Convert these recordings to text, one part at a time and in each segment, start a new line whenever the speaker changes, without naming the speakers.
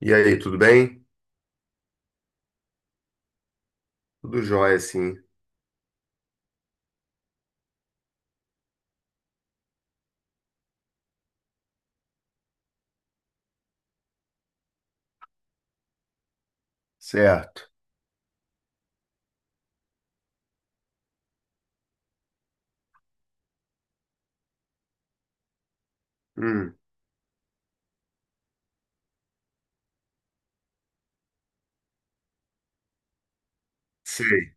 E aí, tudo bem? Tudo jóia, sim. Certo. Hum, sei.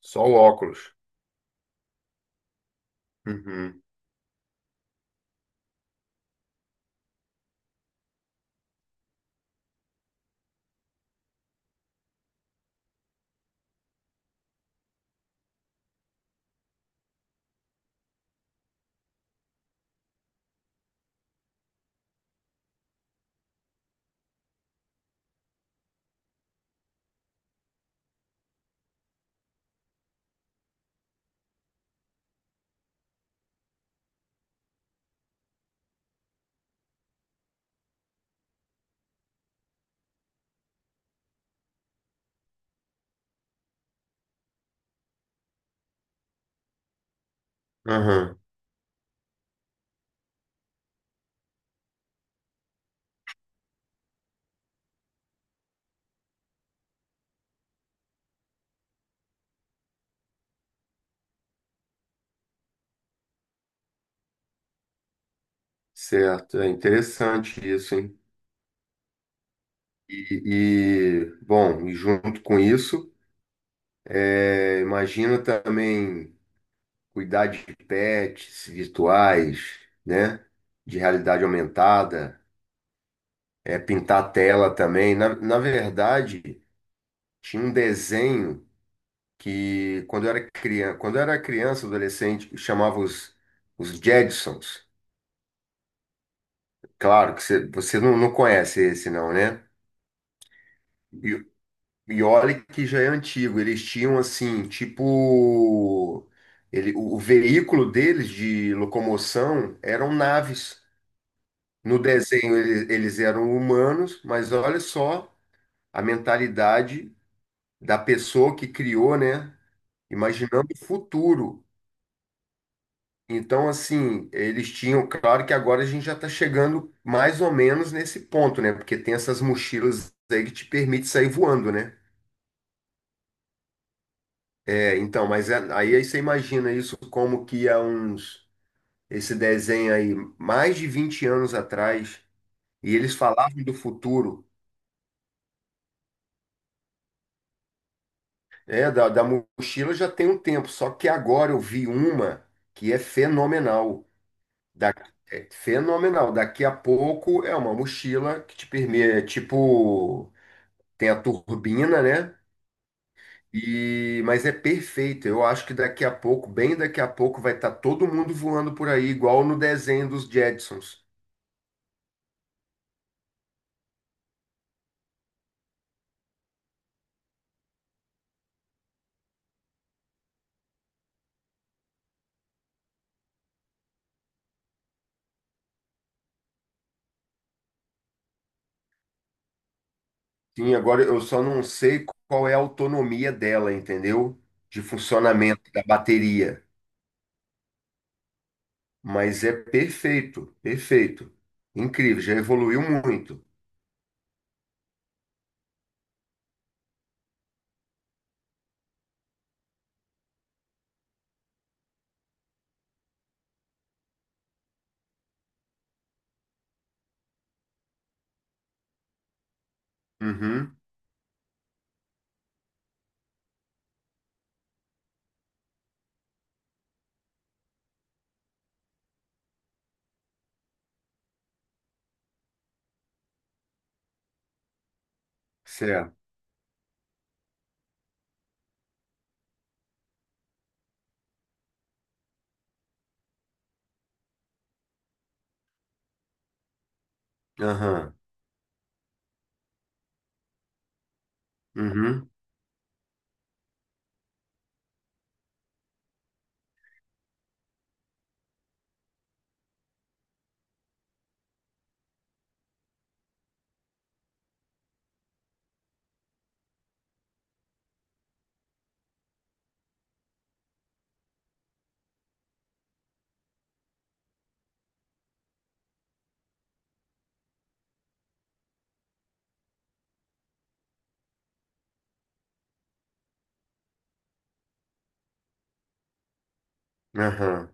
Só o óculos. Uhum. Aham. Certo. É interessante isso, hein? E, bom, e junto com isso, imagina também cuidar de pets virtuais, né? De realidade aumentada, é pintar a tela também. Na verdade, tinha um desenho. Que quando eu era criança, adolescente, chamava os Jetsons. Claro que você não conhece esse não, né? E, e olha que já é antigo. Eles tinham assim, tipo, o veículo deles de locomoção eram naves. No desenho eles eram humanos, mas olha só a mentalidade da pessoa que criou, né? Imaginando o futuro. Então, assim, eles tinham, claro que agora a gente já está chegando mais ou menos nesse ponto, né? Porque tem essas mochilas aí que te permite sair voando, né? É, então, aí você imagina isso como que esse desenho aí, mais de 20 anos atrás, e eles falavam do futuro, da mochila já tem um tempo, só que agora eu vi uma que é fenomenal. Da, é fenomenal. Daqui a pouco é uma mochila que te permite, é tipo. Tem a turbina, né? E, mas é perfeito. Eu acho que daqui a pouco, bem daqui a pouco, vai estar todo mundo voando por aí, igual no desenho dos Jetsons. Sim, agora eu só não sei qual é a autonomia dela, entendeu? De funcionamento da bateria. Mas é perfeito, perfeito. Incrível, já evoluiu muito. Uhum, certo. Aham, uhum, aham.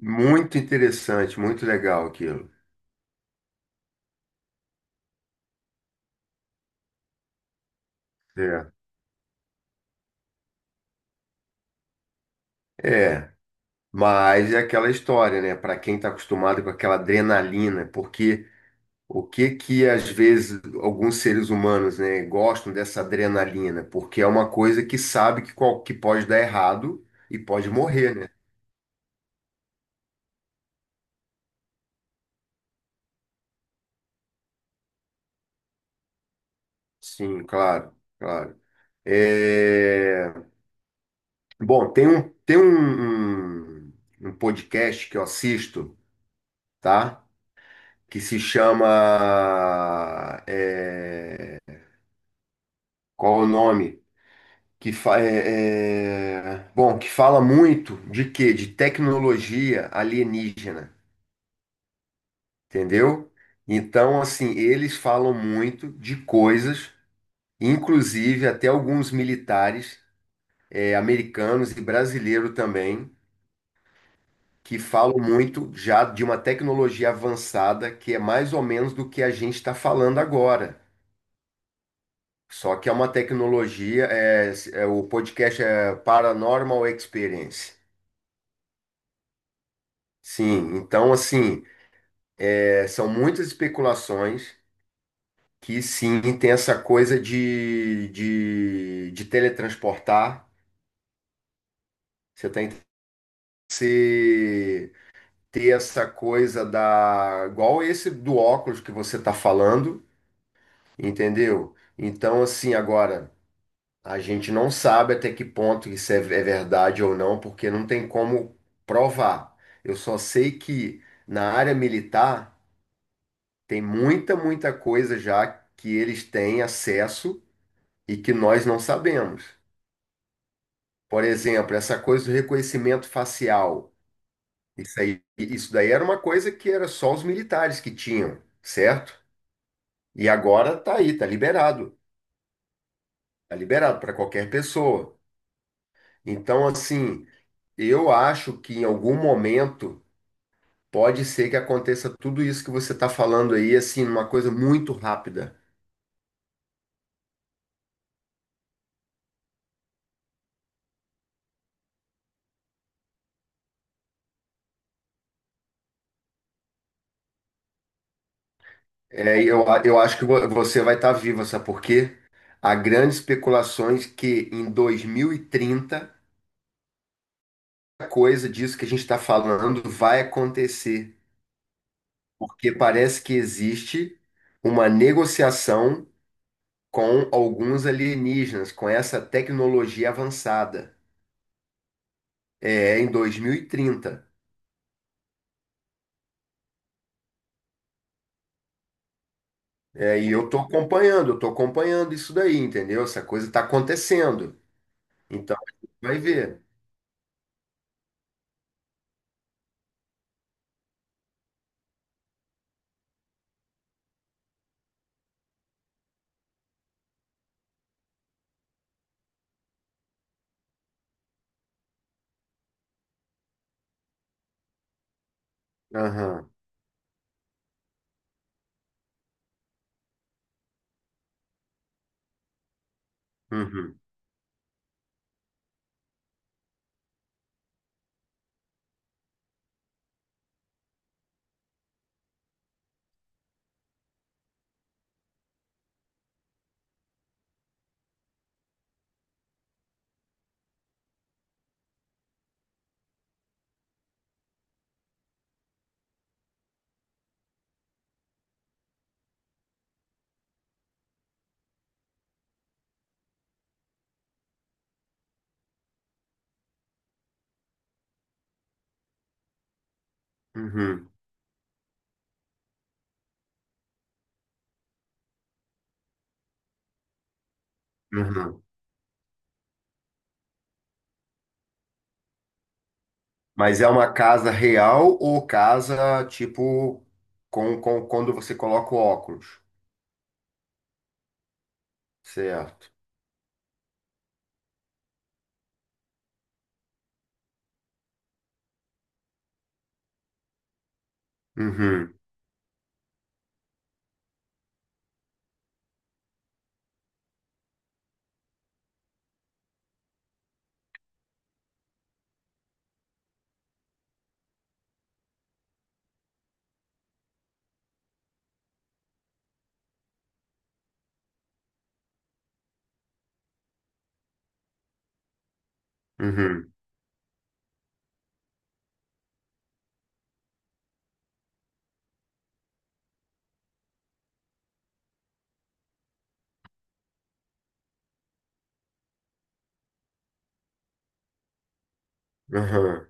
Muito interessante, muito legal aquilo. Certo. É. Mas é aquela história, né? Para quem está acostumado com aquela adrenalina, porque o que que às vezes alguns seres humanos, né, gostam dessa adrenalina? Porque é uma coisa que sabe que pode dar errado e pode morrer, né? Sim, claro, claro. É, bom, um podcast que eu assisto, tá? Que se chama. é, Qual é o nome? Que fa é, é- Bom, que fala muito de quê? De tecnologia alienígena, entendeu? Então, assim, eles falam muito de coisas, inclusive até alguns militares americanos e brasileiros também, que falam muito já de uma tecnologia avançada que é mais ou menos do que a gente está falando agora. Só que é uma tecnologia, o podcast é Paranormal Experience. Sim, então assim. É, são muitas especulações que sim tem essa coisa de teletransportar. Você tem que se- ter essa coisa da. Igual esse do óculos que você está falando, entendeu? Então, assim, agora, a gente não sabe até que ponto isso é verdade ou não, porque não tem como provar. Eu só sei que na área militar tem muita coisa já que eles têm acesso e que nós não sabemos. Por exemplo, essa coisa do reconhecimento facial. Isso daí era uma coisa que era só os militares que tinham, certo? E agora tá aí, tá liberado. Tá liberado para qualquer pessoa. Então, assim, eu acho que em algum momento pode ser que aconteça tudo isso que você está falando aí, assim, uma coisa muito rápida. Eu acho que você vai estar viva, sabe por quê? Há grandes especulações que em 2030 coisa disso que a gente está falando vai acontecer, porque parece que existe uma negociação com alguns alienígenas, com essa tecnologia avançada, é, em 2030. É, e eu estou acompanhando isso daí, entendeu? Essa coisa está acontecendo. Então, a gente vai ver. Aham, uhum, uhum, uhum. Mas é uma casa real ou casa, tipo, quando você coloca o óculos? Certo. Uhum, uhum, uhum.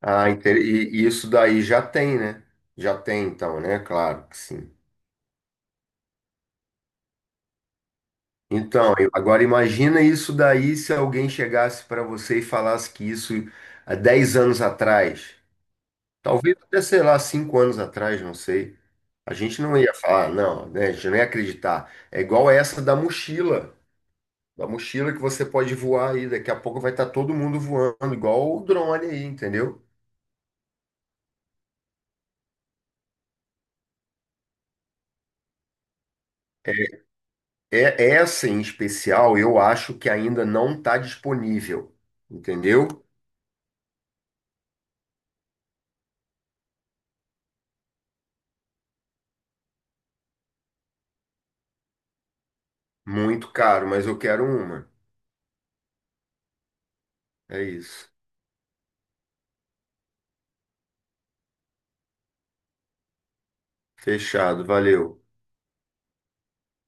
E isso daí já tem, né? Já tem, então, né? Claro que sim. Agora imagina isso daí se alguém chegasse para você e falasse que isso há 10 anos atrás, talvez até, sei lá, 5 anos atrás, não sei. A gente não ia falar, não, né? A gente não ia acreditar. É igual da mochila que você pode voar aí, daqui a pouco vai estar todo mundo voando, igual o drone aí, entendeu? É, é, essa em especial, eu acho que ainda não está disponível, entendeu? Muito caro, mas eu quero uma. É isso. Fechado, valeu.